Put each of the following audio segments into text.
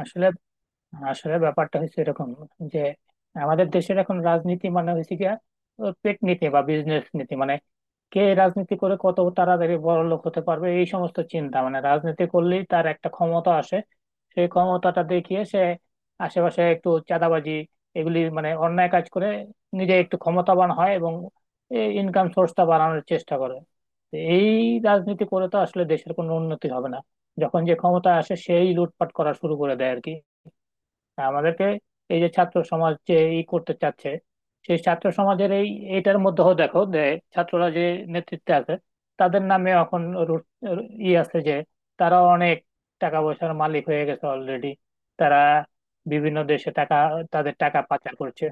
আসলে আসলে ব্যাপারটা হচ্ছে এরকম যে আমাদের দেশের এখন রাজনীতি মানে হয়েছে গিয়া ও পেট নীতি বা বিজনেস নীতি, মানে কে রাজনীতি করে কত তাড়াতাড়ি বড় লোক হতে পারবে এই সমস্ত চিন্তা, মানে রাজনীতি করলেই তার একটা ক্ষমতা আসে, সেই ক্ষমতাটা দেখিয়ে সে আশেপাশে একটু চাঁদাবাজি, এগুলি মানে অন্যায় কাজ করে, নিজে একটু ক্ষমতাবান হয় এবং এই ইনকাম সোর্সটা বাড়ানোর চেষ্টা করে। তো এই রাজনীতি করে তো আসলে দেশের কোনো উন্নতি হবে না, যখন যে ক্ষমতা আসে সেই লুটপাট করা শুরু করে দেয় আর কি। হ্যাঁ, আমাদেরকে এই যে ছাত্র সমাজ যে ই করতে চাচ্ছে, সেই ছাত্র সমাজের এই এটার মধ্যেও দেখো যে ছাত্ররা যে নেতৃত্বে আছে তাদের নামে এখন রু- ই আছে যে তারা অনেক টাকা পয়সার মালিক হয়ে গেছে অলরেডি, তারা বিভিন্ন দেশে টাকা, তাদের টাকা পাচার করছে।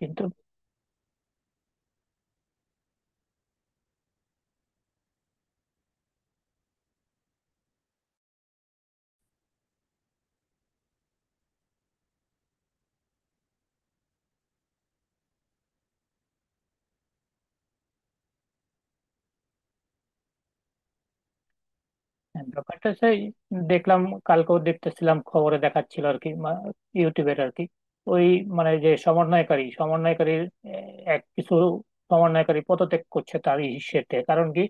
কিন্তু হ্যাঁ, ব্যাপারটা সেই দেখলাম, কালকেও দেখতেছিলাম খবরে দেখাচ্ছিল আর কি, ইউটিউবের আর কি, ওই মানে যে সমন্বয়কারীর এক কিছু সমন্বয়কারী পদত্যাগ করছে তার ইস্যেতে। কারণ কি,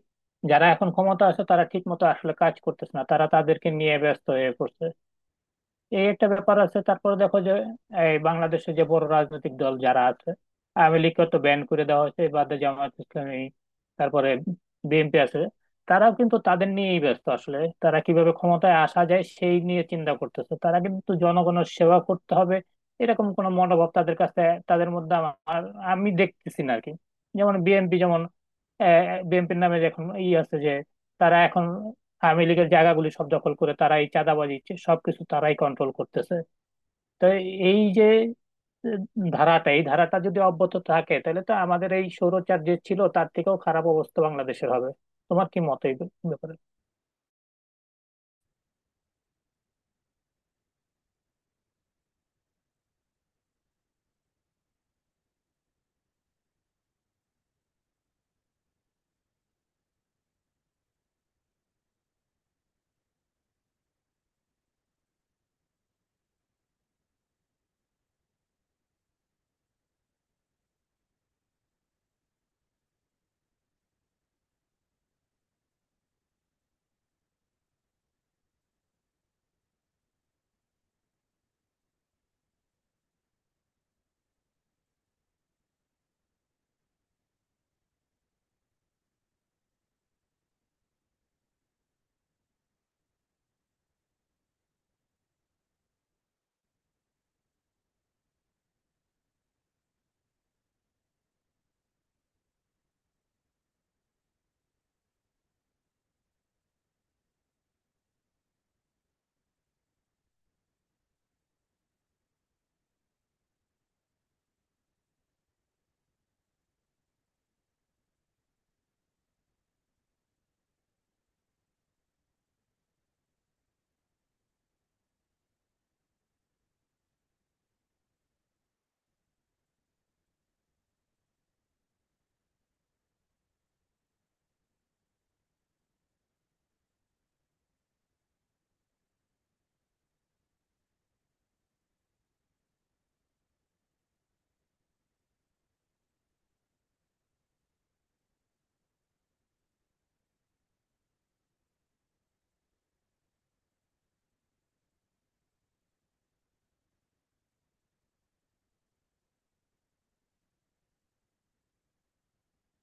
যারা এখন ক্ষমতা আছে তারা ঠিক মতো আসলে কাজ করতেছে না, তারা তাদেরকে নিয়ে ব্যস্ত হয়ে পড়ছে। এই একটা ব্যাপার আছে, তারপর দেখো যে এই বাংলাদেশে যে বড় রাজনৈতিক দল যারা আছে, আওয়ামী লীগকে তো ব্যান করে দেওয়া হয়েছে, বাদে জামাত ইসলামী, তারপরে বিএনপি আছে। তারাও কিন্তু তাদের নিয়েই ব্যস্ত, আসলে তারা কিভাবে ক্ষমতায় আসা যায় সেই নিয়ে চিন্তা করতেছে, তারা কিন্তু জনগণের সেবা করতে হবে এরকম কোনো মনোভাব তাদের কাছে, তাদের মধ্যে আমার আমি দেখতেছি না আর কি। যেমন বিএনপি, যেমন বিএনপির নামে যে এখন ই আছে যে, তারা এখন আওয়ামী লীগের জায়গাগুলি সব দখল করে তারা এই চাঁদাবাজি সবকিছু তারাই কন্ট্রোল করতেছে। তো এই যে আহ, ধারাটা, এই ধারাটা যদি অব্যাহত থাকে তাহলে তো আমাদের এই স্বৈরাচার যে ছিল তার থেকেও খারাপ অবস্থা বাংলাদেশের হবে। তোমার কি মত এই ব্যাপারে?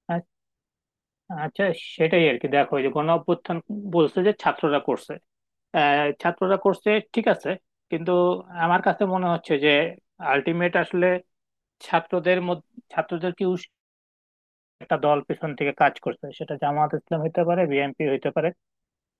আ- আচ্ছা, সেটাই আর কি। দেখো এই যে গণ অভ্যুত্থান বলছে যে ছাত্ররা করছে, ছাত্ররা করছে ঠিক আছে, কিন্তু আমার কাছে মনে হচ্ছে যে আলটিমেট আসলে ছাত্রদের মধ্যে ছাত্রদের কি একটা দল পেছন থেকে কাজ করছে, সেটা জামাত ইসলাম হইতে পারে, বিএনপি হইতে পারে,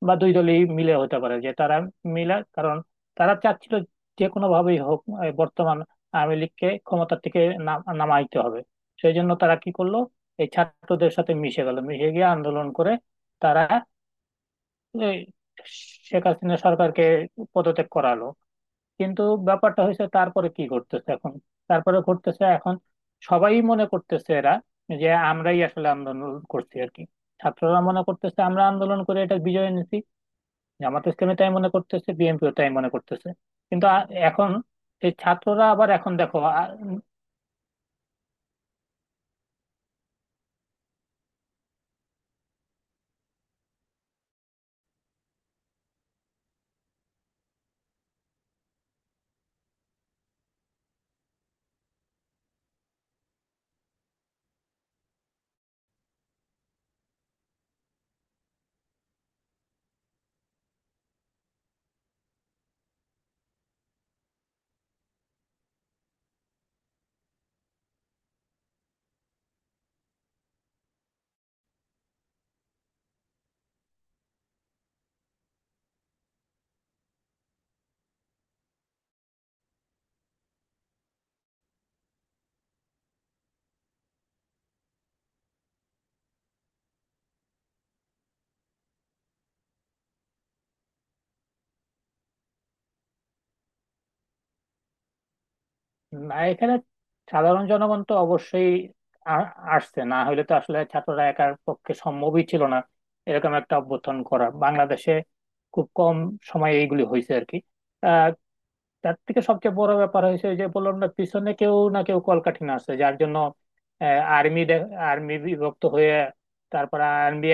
বা দুই দলই মিলে হতে পারে। যে তারা মিলা, কারণ তারা চাচ্ছিল যে কোনো ভাবেই হোক এই বর্তমান আওয়ামী লীগকে ক্ষমতার থেকে নামাইতে হবে। সেই জন্য তারা কি করলো, এই ছাত্রদের সাথে মিশে গেল, মিশে গিয়ে আন্দোলন করে তারা এই শেখ হাসিনা সরকারকে পদত্যাগ করালো। কিন্তু ব্যাপারটা হয়েছে তারপরে কি ঘটতেছে এখন, তারপরে ঘটতেছে এখন সবাই মনে করতেছে এরা যে আমরাই আসলে আন্দোলন করছি আর কি। ছাত্ররা মনে করতেছে আমরা আন্দোলন করে এটা বিজয় এনেছি, জামাত ইসলামী তাই মনে করতেছে, বিএনপিও তাই মনে করতেছে। কিন্তু এখন এই ছাত্ররা আবার এখন দেখো। না এখানে সাধারণ জনগণ তো অবশ্যই আ- আসছে, না হলে তো আসলে ছাত্ররা একার পক্ষে সম্ভবই ছিল না এরকম একটা অভ্যুত্থান করা। বাংলাদেশে খুব কম সময়ে এইগুলি হয়েছে আর কি। তার থেকে সবচেয়ে বড় ব্যাপার হয়েছে ওই যে বললাম না পিছনে কেউ না কেউ কলকাঠি আছে, যার জন্য আর্মি আর্মি বিভক্ত হয়ে, তারপরে আর্মি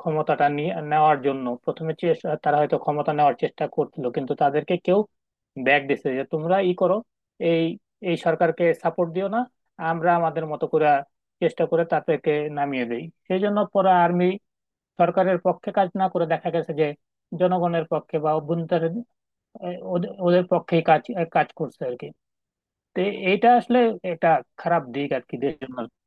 নেওয়ার জন্য প্রথমে চেষ্টা, তারা হয়তো ক্ষমতা নেওয়ার চেষ্টা করছিল, কিন্তু তাদেরকে কেউ ব্যাগ দিছে যে তোমরা ই করো, এই এই সরকারকে সাপোর্ট দিও না, আমরা আমাদের মতো করে চেষ্টা করে তাদেরকে নামিয়ে দেই। সেই জন্য পরে আর্মি সরকারের পক্ষে কাজ না করে দেখা গেছে যে জনগণের পক্ষে বা অভ্যন্তরীণ ওদের ওদের পক্ষে কাজ কাজ করছে আর কি। তো এইটা আসলে একটা খারাপ দিক আর কি দেশের জন্য।